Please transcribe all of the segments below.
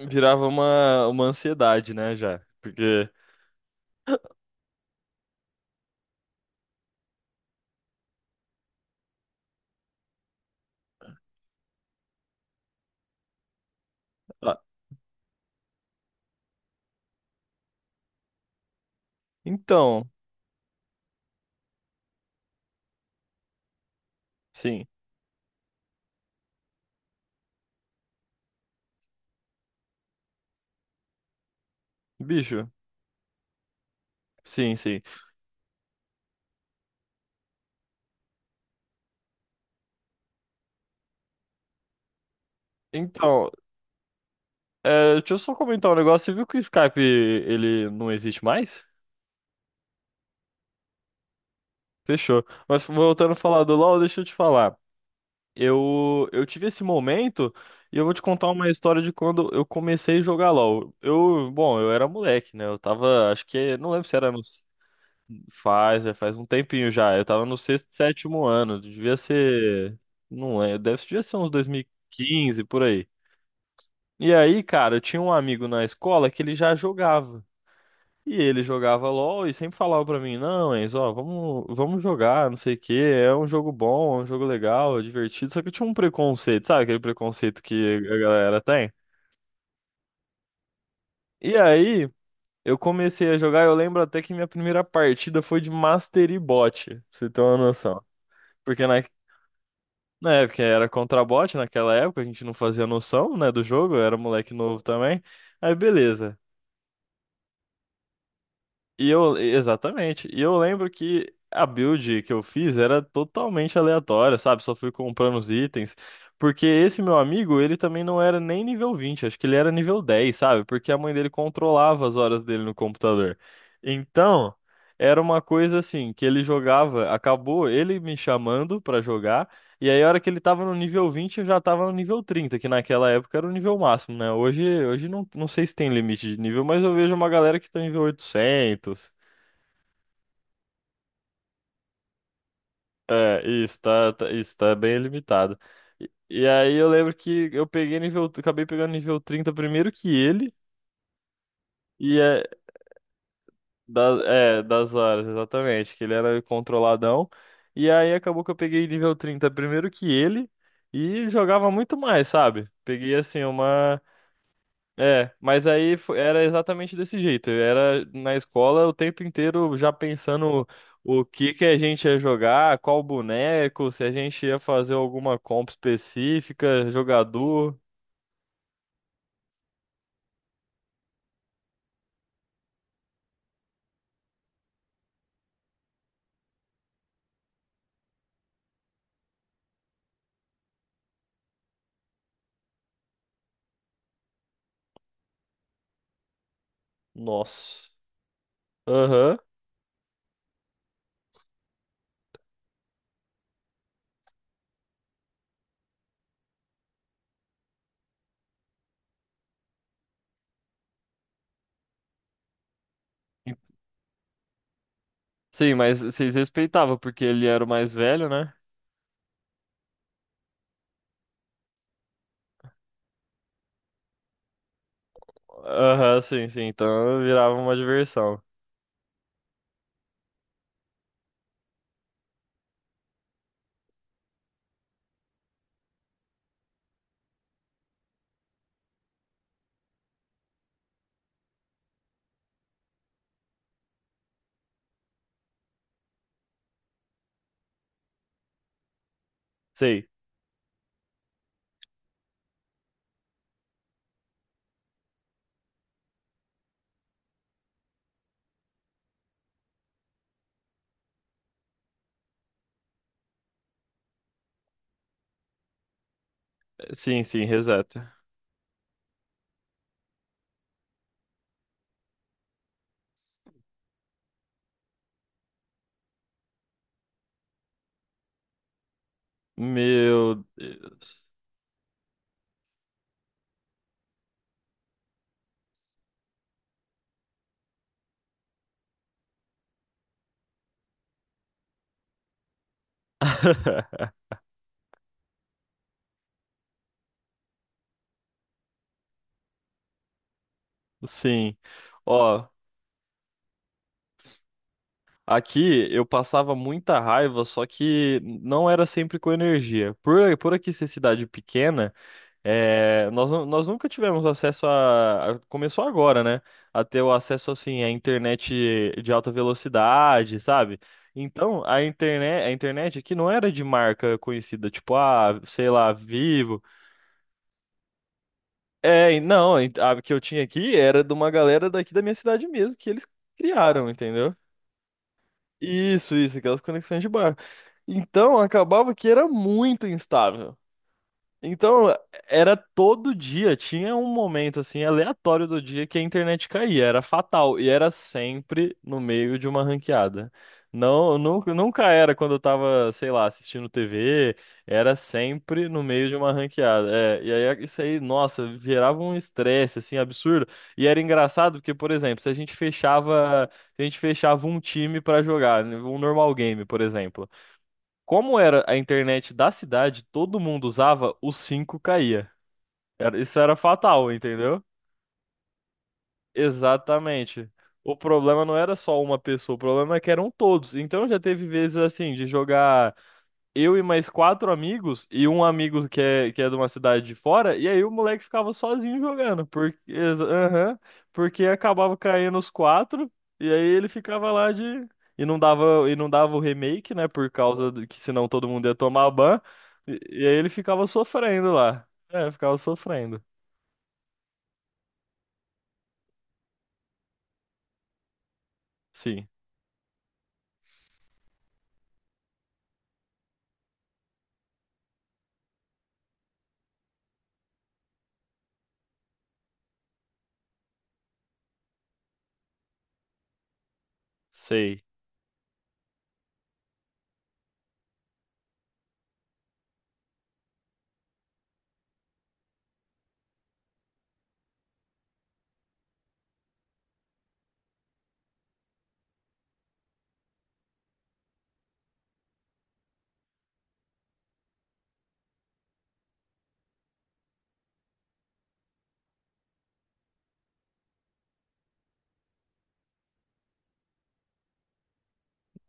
Virava uma ansiedade, né, já. Porque. Ah, então, sim. Bicho, sim, sim. Então, é, deixa eu só comentar um negócio. Você viu que o Skype ele não existe mais? Fechou. Mas voltando a falar do LoL, deixa eu te falar. Eu tive esse momento e eu vou te contar uma história de quando eu comecei a jogar LoL. Bom, eu era moleque, né? Eu tava, acho que, não lembro se era no. Já faz um tempinho já. Eu tava no sexto, sétimo ano. Devia ser. Não é, devia ser uns 2015 por aí. E aí, cara, eu tinha um amigo na escola que ele já jogava. E ele jogava LOL e sempre falava pra mim: Não, Enzo, ó, vamos, vamos jogar, não sei o quê. É um jogo bom, é um jogo legal, é divertido. Só que eu tinha um preconceito, sabe aquele preconceito que a galera tem? E aí, eu comecei a jogar. Eu lembro até que minha primeira partida foi de Mastery Bot, pra você ter uma noção. Porque na, É, porque era contrabot naquela época, a gente não fazia noção, né, do jogo, eu era moleque novo também. Aí beleza. Exatamente. E eu lembro que a build que eu fiz era totalmente aleatória, sabe? Só fui comprando os itens. Porque esse meu amigo, ele também não era nem nível 20, acho que ele era nível 10, sabe? Porque a mãe dele controlava as horas dele no computador. Então, era uma coisa assim, que ele jogava, acabou ele me chamando pra jogar. E aí, a hora que ele tava no nível 20, eu já tava no nível 30, que naquela época era o nível máximo, né? Hoje não, não sei se tem limite de nível, mas eu vejo uma galera que tá nível 800. É, isso, isso, tá bem limitado. E aí eu lembro que acabei pegando nível 30 primeiro que ele, e é, das horas, exatamente, que ele era controladão. E aí acabou que eu peguei nível 30 primeiro que ele, e jogava muito mais, sabe? Peguei assim uma. É, mas aí era exatamente desse jeito. Eu era na escola o tempo inteiro já pensando o que que a gente ia jogar, qual boneco, se a gente ia fazer alguma comp específica, jogador. Nossa. Aham. Sim, mas vocês respeitavam porque ele era o mais velho, né? Aham, sim, sim. Então virava uma diversão. Sei. Sim, sim, exato. Meu Deus. Sim. Ó. Aqui eu passava muita raiva, só que não era sempre com energia. Por aqui ser cidade pequena, é, nós nunca tivemos acesso. Começou agora, né? A ter o acesso assim à internet de alta velocidade, sabe? Então a internet aqui não era de marca conhecida, tipo, ah, sei lá, Vivo. É, e não, a que eu tinha aqui era de uma galera daqui da minha cidade mesmo, que eles criaram, entendeu? Isso, aquelas conexões de bairro. Então, acabava que era muito instável. Então, era todo dia, tinha um momento assim aleatório do dia que a internet caía, era fatal e era sempre no meio de uma ranqueada. Não, nunca, nunca era quando eu tava, sei lá, assistindo TV, era sempre no meio de uma ranqueada. É, e aí isso aí, nossa, gerava um estresse assim absurdo. E era engraçado porque, por exemplo, se a gente fechava um time pra jogar, né, um normal game, por exemplo. Como era a internet da cidade, todo mundo usava, o 5 caía. Isso era fatal, entendeu? Exatamente. O problema não era só uma pessoa, o problema é que eram todos. Então já teve vezes assim de jogar eu e mais quatro amigos, e um amigo que é, de uma cidade de fora, e aí o moleque ficava sozinho jogando, porque, aham, porque acabava caindo os quatro, e aí ele ficava lá de. E não dava o remake, né? Por causa do, que senão todo mundo ia tomar ban. E aí ele ficava sofrendo lá. É, ficava sofrendo. Sim, sei.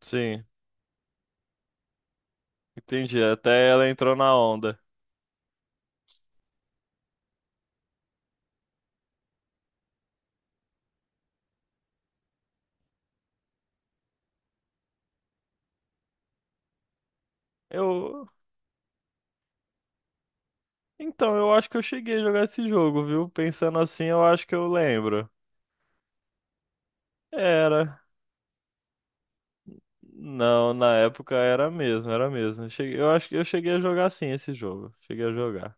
Sim, entendi. Até ela entrou na onda. Eu. Então, eu acho que eu cheguei a jogar esse jogo, viu? Pensando assim, eu acho que eu lembro. Era. Não, na época era mesmo, era mesmo. Eu acho que eu cheguei a jogar sim esse jogo. Cheguei a jogar.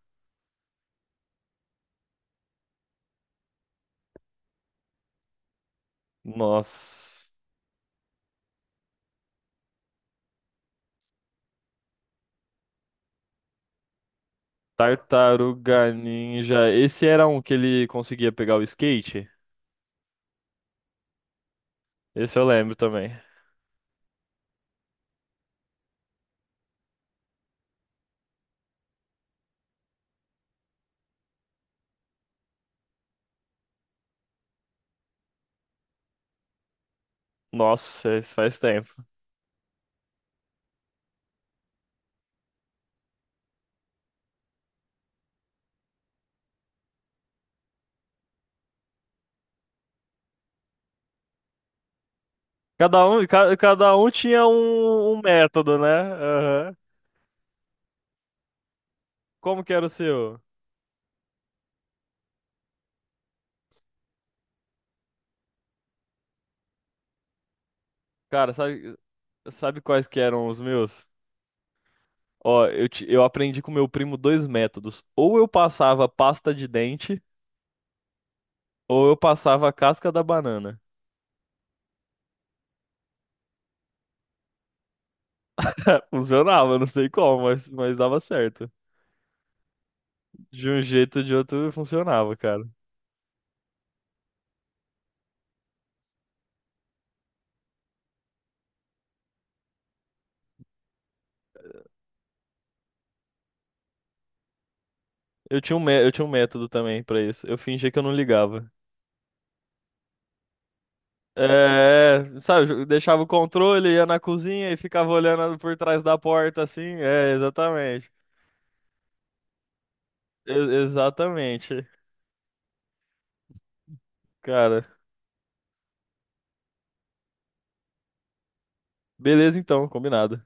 Nossa. Tartaruga Ninja. Esse era um que ele conseguia pegar o skate? Esse eu lembro também. Nossa, esse faz tempo. Cada um tinha um método, né? Aham. Como que era o seu? Cara, sabe quais que eram os meus? Ó, eu aprendi com meu primo dois métodos. Ou eu passava pasta de dente, ou eu passava a casca da banana. Funcionava, não sei como, mas dava certo. De um jeito ou de outro funcionava, cara. Eu tinha um método também pra isso. Eu fingia que eu não ligava. É, sabe, eu deixava o controle, ia na cozinha e ficava olhando por trás da porta assim. É, exatamente. E- Exatamente, cara. Beleza então, combinado.